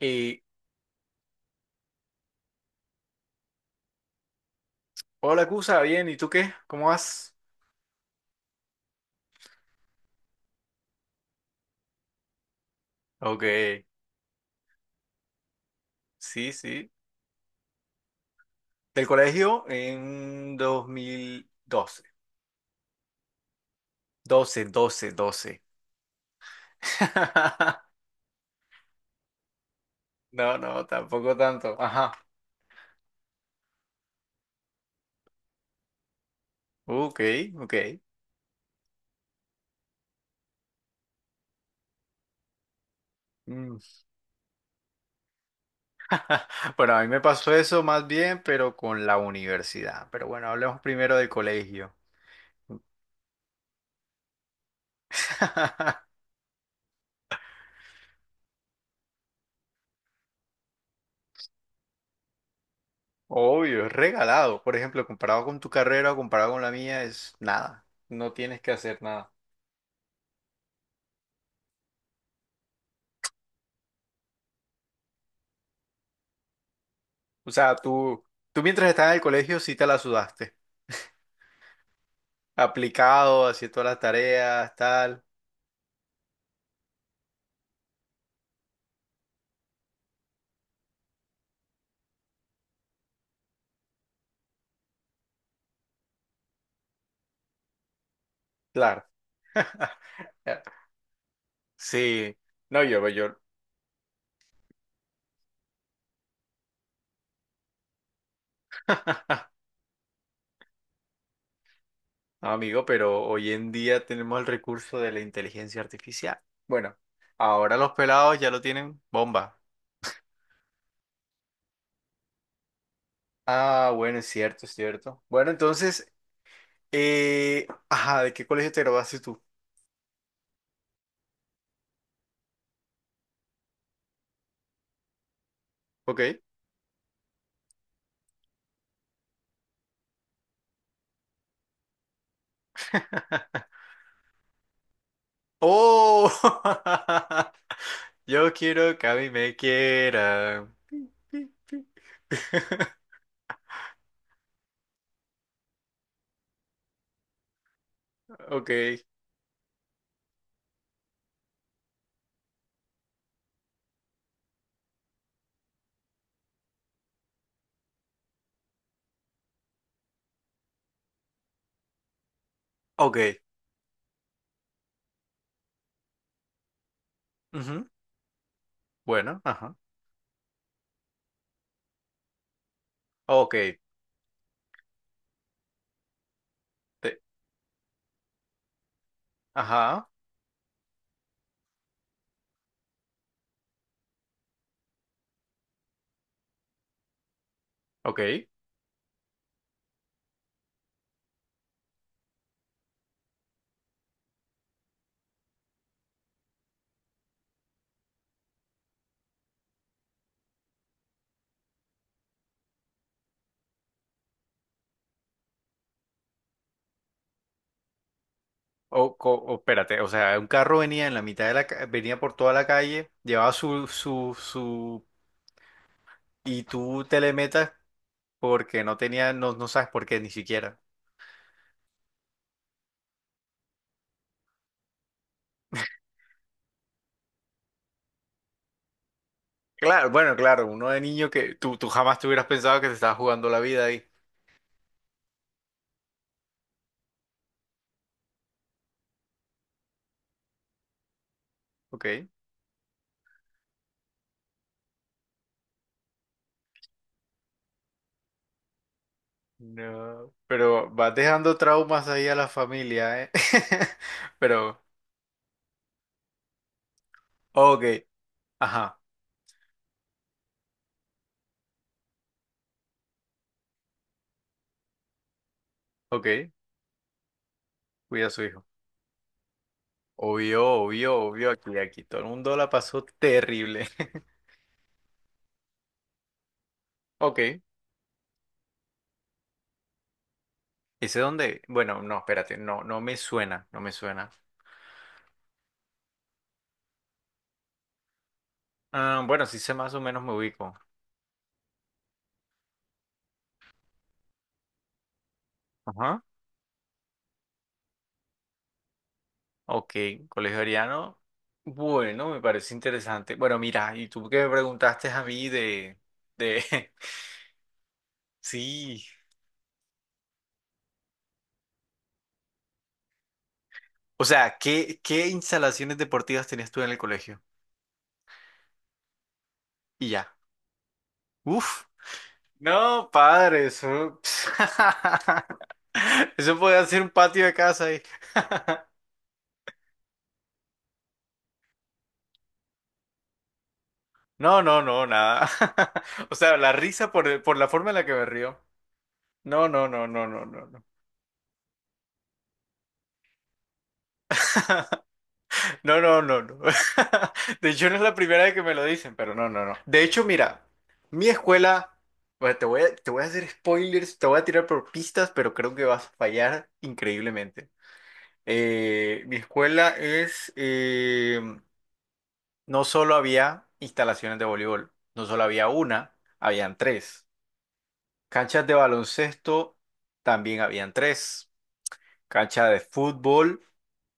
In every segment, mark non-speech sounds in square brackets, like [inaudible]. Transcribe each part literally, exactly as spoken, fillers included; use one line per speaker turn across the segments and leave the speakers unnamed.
Y, hola, Cusa, bien, ¿y tú qué? ¿Cómo vas? Ok, sí, sí. Del colegio en dos mil doce doce doce doce [laughs] No, no, tampoco tanto. Ajá. Ok, ok. Mm. [laughs] Bueno, a mí me pasó eso más bien, pero con la universidad. Pero bueno, hablemos primero del colegio. [laughs] Obvio, es regalado. Por ejemplo, comparado con tu carrera o comparado con la mía, es nada. No tienes que hacer nada. O sea, tú, tú mientras estabas en el colegio sí te la sudaste. Aplicado, haciendo todas las tareas, tal. Claro. [laughs] Sí. No, yo, yo. [laughs] No, amigo, pero hoy en día tenemos el recurso de la inteligencia artificial. Bueno, ahora los pelados ya lo tienen bomba. Ah, bueno, es cierto, es cierto. Bueno, entonces, eh, ajá, ¿de qué colegio te graduaste tú? Ok. [laughs] ¡Oh! [laughs] Yo quiero que a mí me quieran. Pi, pi. [laughs] Ok, ok. Ujú, bueno, ajá. Ok, te- ajá, ok. O, co- o- espérate, o sea, un carro venía en la mitad de la ca- venía por toda la calle, llevaba su, su, su, y tú te le metas porque no tenía, no, no sabes por qué ni siquiera. Claro, bueno, claro, uno de niño que tú, tú jamás te hubieras pensado que te estabas jugando la vida ahí. Ok. No, pero vas dejando traumas ahí a la familia, ¿eh? [laughs] Pero, ok, ajá. Ok, cuida a su hijo. Obvio, obvio, obvio, aquí, aquí. Todo el mundo la pasó terrible. [laughs] Ok, ¿ese dónde? Bueno, no, espérate, no, no me suena, no me suena. Ah, bueno, sí sé, más o menos me ubico. Ajá. Ok, colegio ariano. Bueno, me parece interesante. Bueno, mira, y tú que me preguntaste a mí de, de, [laughs] sí. O sea, ¿qué, qué instalaciones deportivas tenías tú en el colegio? Y ya. Uf. No, padre, eso. [laughs] Eso puede ser un patio de casa ahí. [laughs] No, no, no, nada. [laughs] O sea, la risa por, por la forma en la que me río. No, no, no, no, no, no, no. No, no, no, no. [laughs] De hecho, no es la primera vez que me lo dicen, pero no, no, no. De hecho, mira, mi escuela. Bueno, te voy a, te voy a hacer spoilers, te voy a tirar por pistas, pero creo que vas a fallar increíblemente. Eh, mi escuela es, eh, no solo había instalaciones de voleibol, no solo había una, habían tres. Canchas de baloncesto, también habían tres. Cancha de fútbol,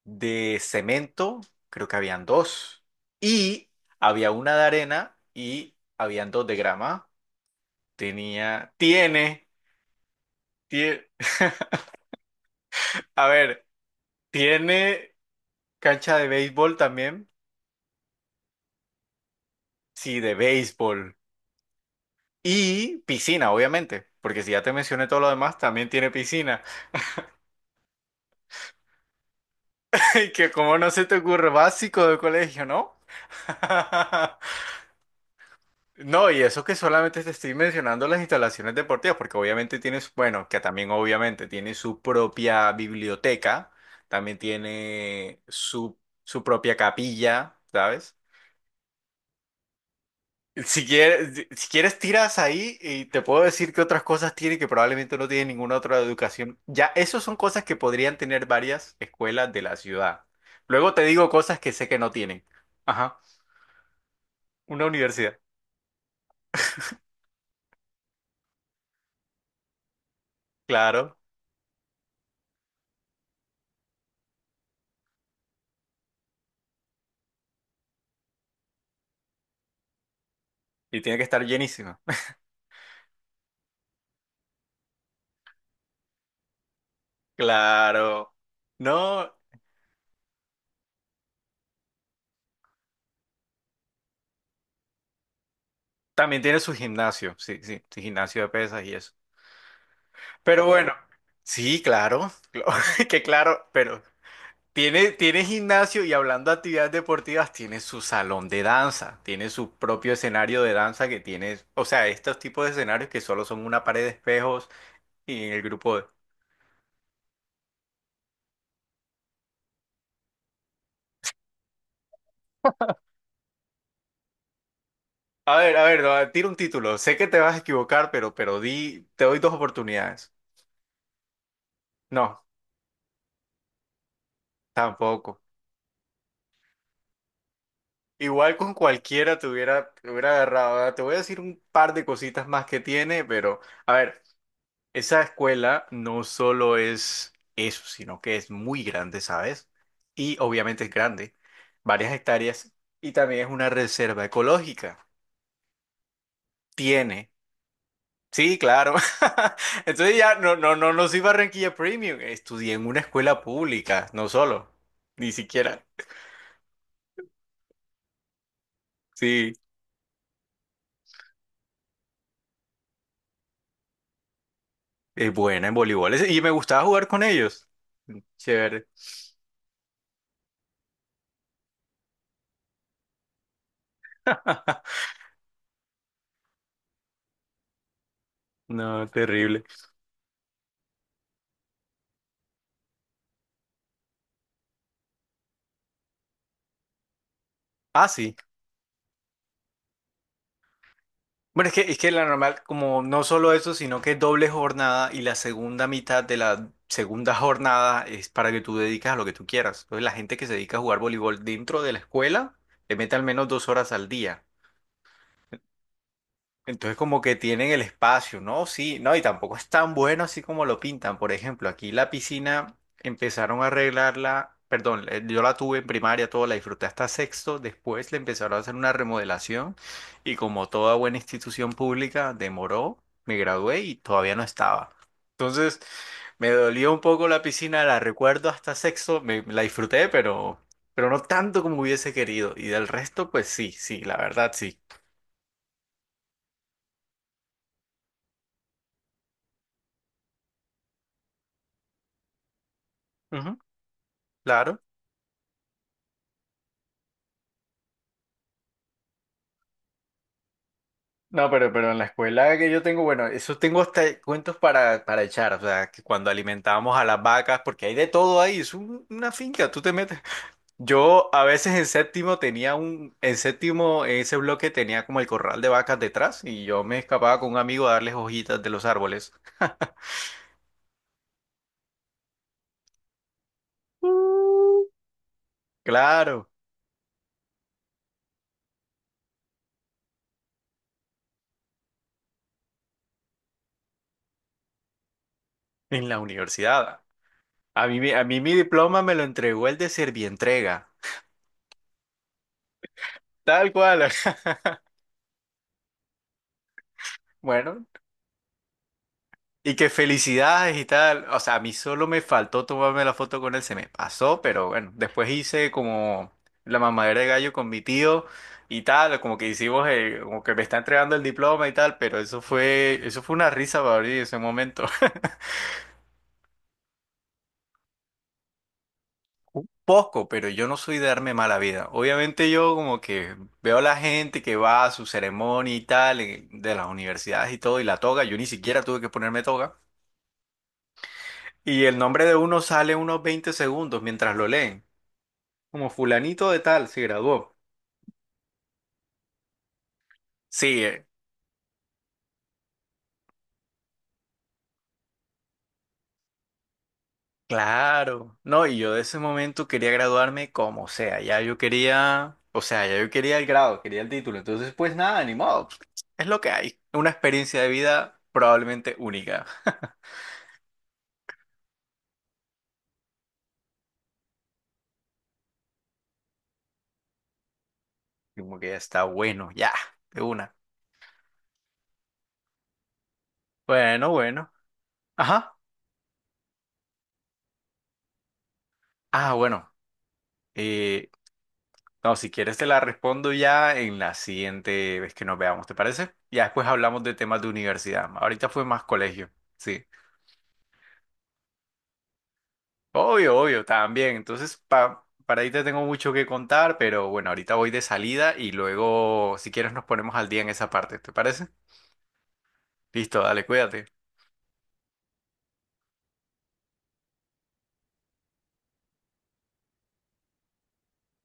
de cemento, creo que habían dos. Y había una de arena y habían dos de grama. Tenía, tiene, tiene, [laughs] a ver, tiene cancha de béisbol también. Sí, de béisbol. Y piscina, obviamente, porque si ya te mencioné todo lo demás, también tiene piscina. [laughs] Y que como no se te ocurre, básico de colegio, ¿no? [laughs] No, y eso que solamente te estoy mencionando las instalaciones deportivas, porque obviamente tienes, bueno, que también obviamente tiene su propia biblioteca, también tiene su, su propia capilla, ¿sabes? Si quieres, si si quieres tiras ahí y te puedo decir que otras cosas tiene que probablemente no tiene ninguna otra educación. Ya, esas son cosas que podrían tener varias escuelas de la ciudad. Luego te digo cosas que sé que no tienen. Ajá. Una universidad, claro. Y tiene que estar llenísima, [laughs] claro. No, también tiene su gimnasio, sí, sí, su gimnasio de pesas y eso. Pero bueno, sí, claro, [laughs] que claro, pero tiene, tiene gimnasio y hablando de actividades deportivas, tiene su salón de danza, tiene su propio escenario de danza que tiene, o sea, estos tipos de escenarios que solo son una pared de espejos y el grupo de... A ver, a ver, no, tira un título. Sé que te vas a equivocar, pero, pero di, te doy dos oportunidades. No. Tampoco. Igual con cualquiera te hubiera, te hubiera agarrado. Ahora, te voy a decir un par de cositas más que tiene, pero a ver, esa escuela no solo es eso, sino que es muy grande, ¿sabes? Y obviamente es grande, varias hectáreas, y también es una reserva ecológica. Tiene. Sí, claro. [laughs] Entonces ya no, no, no, no soy Barranquilla Premium. Estudié en una escuela pública, no solo, ni siquiera. Sí. Es buena en voleibol. Es- y me gustaba jugar con ellos. Chévere. [laughs] No, terrible. Ah, sí. Bueno, es que, es que la normal, como no solo eso, sino que es doble jornada y la segunda mitad de la segunda jornada es para que tú dedicas a lo que tú quieras. Entonces, la gente que se dedica a jugar voleibol dentro de la escuela le mete al menos dos horas al día. Entonces como que tienen el espacio, ¿no? Sí, no, y tampoco es tan bueno así como lo pintan. Por ejemplo, aquí la piscina empezaron a arreglarla, perdón, eh, yo la tuve en primaria, todo, la disfruté hasta sexto, después le empezaron a hacer una remodelación y como toda buena institución pública demoró, me gradué y todavía no estaba. Entonces me dolió un poco la piscina, la recuerdo hasta sexto, me, la disfruté, pero, pero no tanto como hubiese querido. Y del resto, pues sí, sí, la verdad sí. Ujú, claro. No, pero, pero en la escuela que yo tengo, bueno, eso tengo hasta cuentos para, para echar, o sea, que cuando alimentábamos a las vacas, porque hay de todo ahí, es un- una finca, tú te metes. Yo a veces en séptimo tenía un, en séptimo, en ese bloque tenía como el corral de vacas detrás y yo me escapaba con un amigo a darles hojitas de los árboles. [laughs] Claro, en la universidad. A mí, mi- a mí mi diploma me lo entregó el de Servientrega. Tal cual. [laughs] Bueno, y que felicidades y tal. O sea, a mí solo me faltó tomarme la foto con él, se me pasó, pero bueno, después hice como la mamadera de gallo con mi tío y tal, como que hicimos, eh, como que me está entregando el diploma y tal, pero eso fue, eso fue una risa para mí en ese momento. [laughs] Un poco, pero yo no soy de darme mala vida. Obviamente yo como que veo a la gente que va a su ceremonia y tal, eh, de las universidades y todo, y la toga, yo ni siquiera tuve que ponerme toga. Y el nombre de uno sale unos veinte segundos mientras lo leen. Como fulanito de tal se graduó. Sí, eh, claro. No, y yo de ese momento quería graduarme como sea. Ya yo quería, o sea, ya yo quería el grado, quería el título. Entonces, pues nada, ni modo. Pues, es lo que hay. Una experiencia de vida probablemente única. [laughs] Como que ya está bueno, ya, de una. Bueno, bueno. Ajá. Ah, bueno. Eh, no, si quieres te la respondo ya en la siguiente vez que nos veamos, ¿te parece? Ya después hablamos de temas de universidad. Ahorita fue más colegio. Sí. Obvio, obvio, también. Entonces, pa- para ahí te tengo mucho que contar, pero bueno, ahorita voy de salida y luego, si quieres, nos ponemos al día en esa parte. ¿Te parece? Listo, dale, cuídate.